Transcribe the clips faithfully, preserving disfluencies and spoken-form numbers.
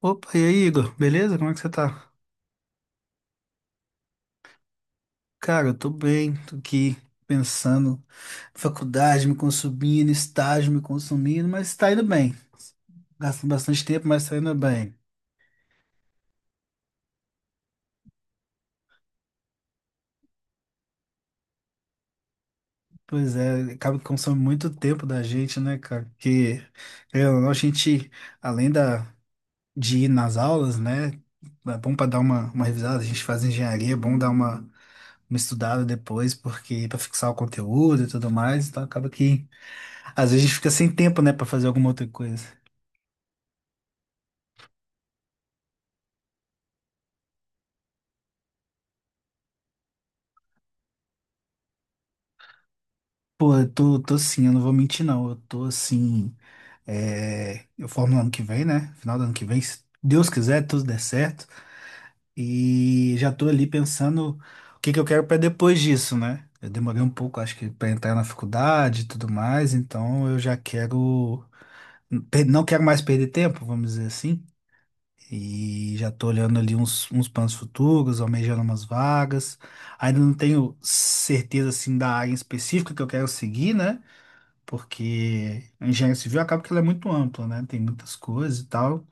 Opa, e aí, Igor? Beleza? Como é que você tá? Cara, eu tô bem, tô aqui pensando, faculdade me consumindo, estágio me consumindo, mas tá indo bem. Gastando bastante tempo, mas tá indo bem. Pois é, acaba que consome muito tempo da gente, né, cara? Porque, querendo ou não, a gente, além da, de ir nas aulas, né, é bom pra dar uma, uma revisada, a gente faz engenharia, é bom dar uma, uma estudada depois, porque para fixar o conteúdo e tudo mais, então acaba que às vezes a gente fica sem tempo, né, pra fazer alguma outra coisa. Pô, eu tô, tô assim, eu não vou mentir, não. Eu tô assim. É... Eu formo no ano que vem, né? Final do ano que vem, se Deus quiser, tudo der certo. E já tô ali pensando o que que eu quero pra depois disso, né? Eu demorei um pouco, acho que, pra entrar na faculdade e tudo mais, então eu já quero. per- Não quero mais perder tempo, vamos dizer assim. E já tô olhando ali uns, uns planos futuros, almejando umas vagas. Ainda não tenho certeza, assim, da área específica que eu quero seguir, né? Porque a engenharia civil acaba que ela é muito ampla, né? Tem muitas coisas e tal.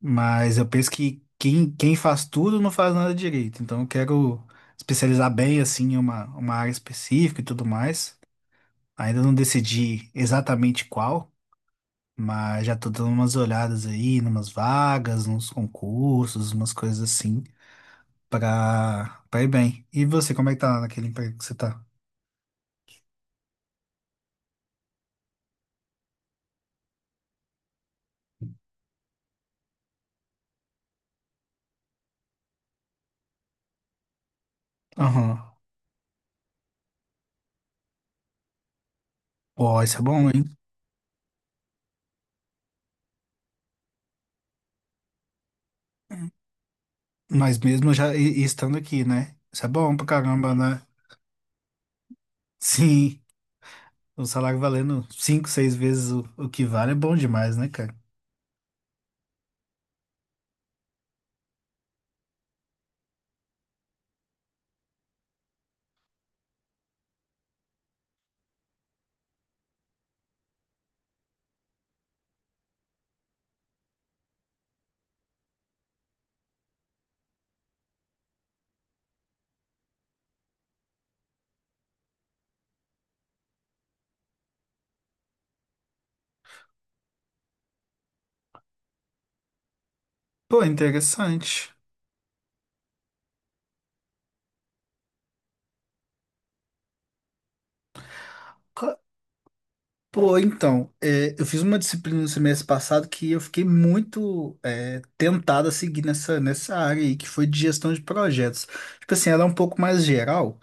Mas eu penso que quem, quem faz tudo não faz nada direito. Então eu quero especializar bem, assim, em uma, uma área específica e tudo mais. Ainda não decidi exatamente qual. Mas já tô dando umas olhadas aí, numas vagas, nos concursos, umas coisas assim, pra, pra ir bem. E você, como é que tá lá naquele emprego que você tá? Aham. Ó, isso é bom, hein? Mas mesmo já e- e estando aqui, né? Isso é bom pra caramba, né? Sim, o salário valendo cinco, seis vezes o, o que vale é bom demais, né, cara? Pô, interessante. Ca- Pô, então, é, eu fiz uma disciplina no semestre passado que eu fiquei muito é, tentado a seguir nessa, nessa área aí, que foi de gestão de projetos. Tipo assim, ela é um pouco mais geral,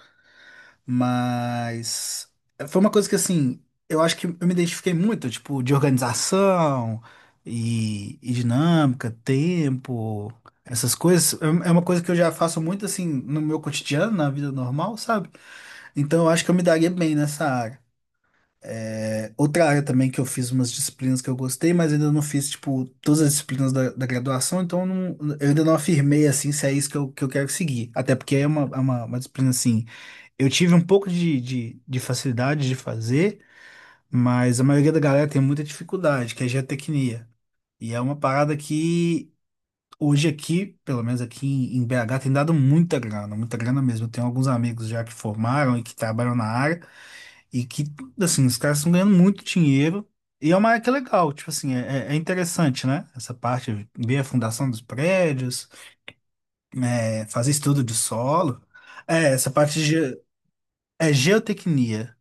mas foi uma coisa que, assim, eu acho que eu me identifiquei muito, tipo, de organização e, e dinâmica, tempo, essas coisas. É é uma coisa que eu já faço muito, assim, no meu cotidiano, na vida normal, sabe? Então eu acho que eu me daria bem nessa área. É, outra área também que eu fiz umas disciplinas que eu gostei, mas ainda não fiz, tipo, todas as disciplinas da, da graduação, então eu, não- eu ainda não afirmei, assim, se é isso que eu, que eu quero seguir. Até porque é uma, é uma, uma disciplina, assim, eu tive um pouco de, de, de facilidade de fazer, mas a maioria da galera tem muita dificuldade, que é geotecnia. E é uma parada que hoje aqui, pelo menos aqui em, em B H, tem dado muita grana, muita grana mesmo. Eu tenho alguns amigos já que formaram e que trabalham na área, e que, assim, os caras estão ganhando muito dinheiro. E é uma área que é legal, tipo assim, é, é é interessante, né? Essa parte, ver a fundação dos prédios, é, fazer estudo de solo. É, essa parte de ge- é geotecnia.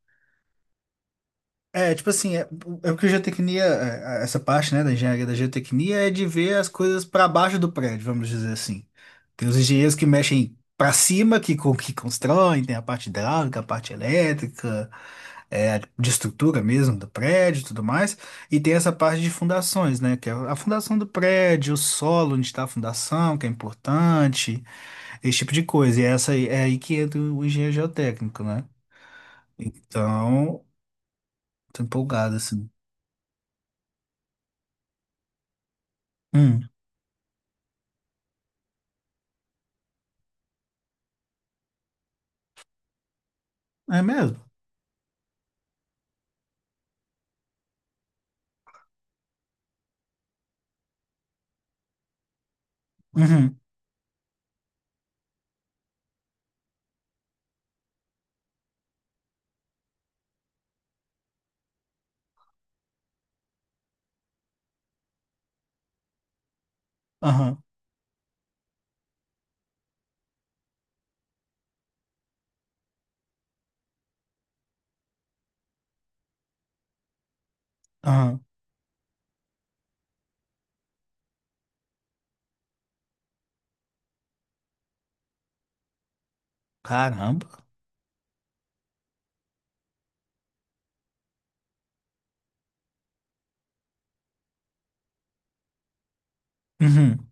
É, tipo assim, é, é o que a geotecnia, é, é, essa parte, né, da engenharia da geotecnia é de ver as coisas para baixo do prédio, vamos dizer assim. Tem os engenheiros que mexem para cima, que, con- que constroem, tem a parte hidráulica, a parte elétrica, é, de estrutura mesmo do prédio e tudo mais. E tem essa parte de fundações, né, que é a fundação do prédio, o solo onde está a fundação, que é importante, esse tipo de coisa. E é essa aí- é aí que entra o engenheiro geotécnico, né? Então, tô empolgado, assim. Hum. É mesmo? Uhum, aham, aham. Caramba. Uhum.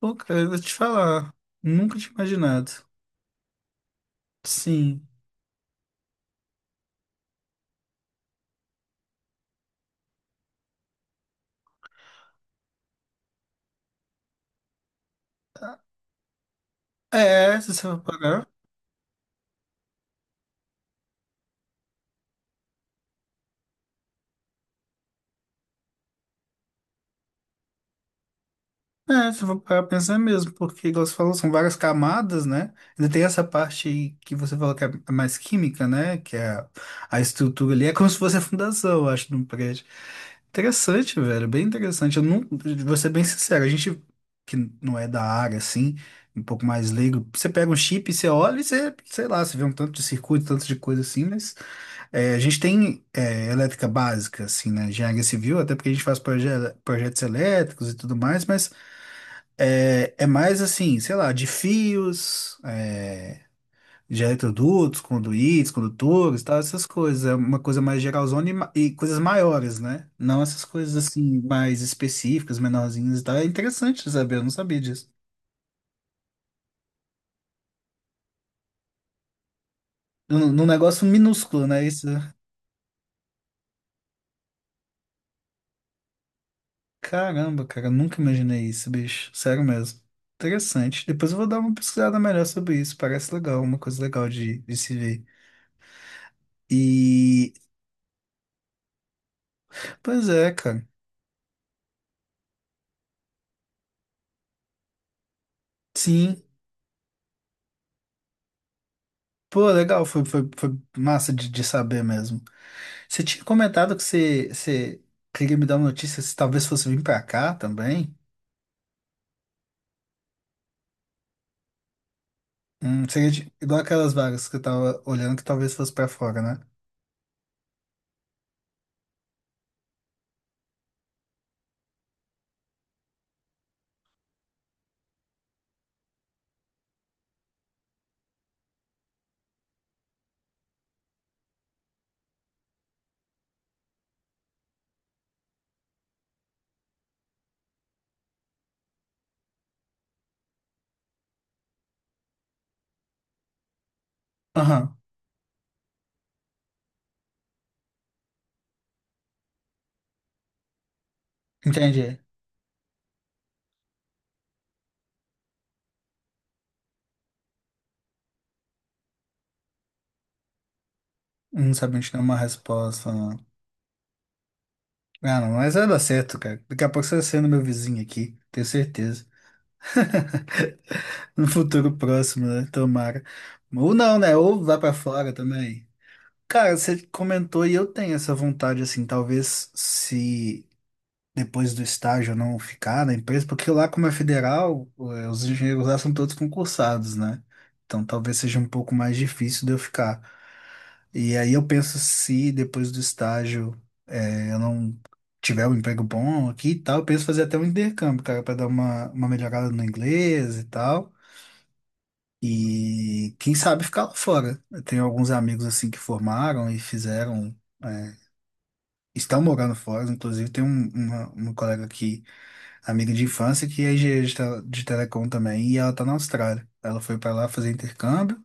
Pô, cara, eu vou te falar. Nunca tinha imaginado. Sim. É, se você for parar. É, se for parar pra pensar mesmo, porque, igual você falou, são várias camadas, né? Ainda tem essa parte que você falou que é mais química, né? Que é a, a estrutura ali, é como se fosse a fundação, eu acho, de um prédio. Interessante, velho, bem interessante. Eu não, vou ser bem sincero, a gente que não é da área, assim, um pouco mais leigo, você pega um chip, você olha e você, sei lá, você vê um tanto de circuito, tanto de coisa assim, mas é, a gente tem é, elétrica básica, assim, né? Engenharia civil, até porque a gente faz proje projetos elétricos e tudo mais, mas é, é mais assim, sei lá, de fios, é, de eletrodutos, conduítes, condutores, tal, essas coisas. É uma coisa mais geralzona e, ma- e coisas maiores, né? Não essas coisas assim, mais específicas, menorzinhas e tal. É interessante saber, eu não sabia disso. Num num negócio minúsculo, né? Isso. Caramba, cara, eu nunca imaginei isso, bicho. Sério mesmo. Interessante. Depois eu vou dar uma pesquisada melhor sobre isso. Parece legal, uma coisa legal de, de se ver. E. Pois é, cara. Sim. Pô, legal, foi, foi, foi massa de, de saber mesmo. Você tinha comentado que você, você queria me dar uma notícia se talvez fosse vir pra cá também. Hum, seria de- igual aquelas vagas que eu tava olhando que talvez fosse pra fora, né? Aham, entendi. Hum, Não sabia te dar uma resposta, não. Ah, não, mas vai dar certo, cara. Daqui a pouco você vai sendo meu vizinho aqui, tenho certeza. No futuro próximo, né? Tomara. Ou não, né? Ou vai pra fora também. Cara, você comentou e eu tenho essa vontade, assim, talvez se depois do estágio não ficar na empresa, porque lá como é federal, eh, os engenheiros lá são todos concursados, né? Então talvez seja um pouco mais difícil de eu ficar. E aí eu penso se depois do estágio, eh, eu não tiver um emprego bom aqui e tal, eu penso fazer até um intercâmbio, cara, para dar uma, uma melhorada no inglês e tal. E quem sabe ficar lá fora. Eu tenho alguns amigos assim que formaram e fizeram, eh, estão morando fora, inclusive tem um, uma, uma colega que amiga de infância que é engenheira de, tele- de telecom também, e ela tá na Austrália. Ela foi pra lá fazer intercâmbio,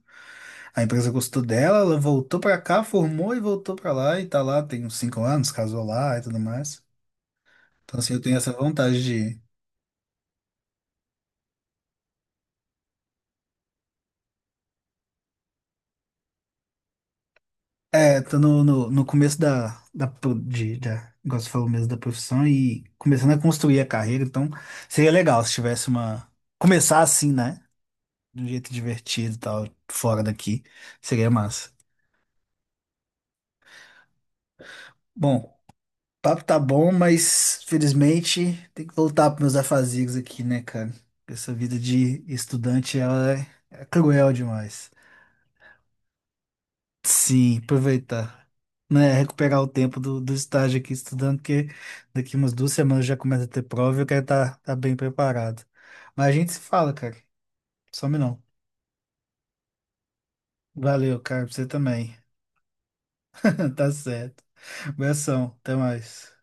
a empresa gostou dela, ela voltou pra cá, formou e voltou pra lá, e tá lá tem uns cinco anos, casou lá e tudo mais. Então, assim, eu tenho essa vontade de. É, tô no, no, no começo da, da, pro- de, da, igual você falou mesmo, da profissão e começando a construir a carreira, então seria legal se tivesse uma. Começar assim, né? De um jeito divertido e tal, fora daqui, seria massa. Bom, papo tá bom, mas felizmente tem que voltar para meus afazigos aqui, né, cara? Essa vida de estudante, ela é, é cruel demais. Sim, aproveitar, né? Recuperar o tempo do, do estágio aqui estudando, porque daqui umas duas semanas já começa a ter prova e eu quero estar tá, tá bem preparado. Mas a gente se fala, cara. Some não. Valeu, cara, pra você também. Tá certo. Abração, até mais.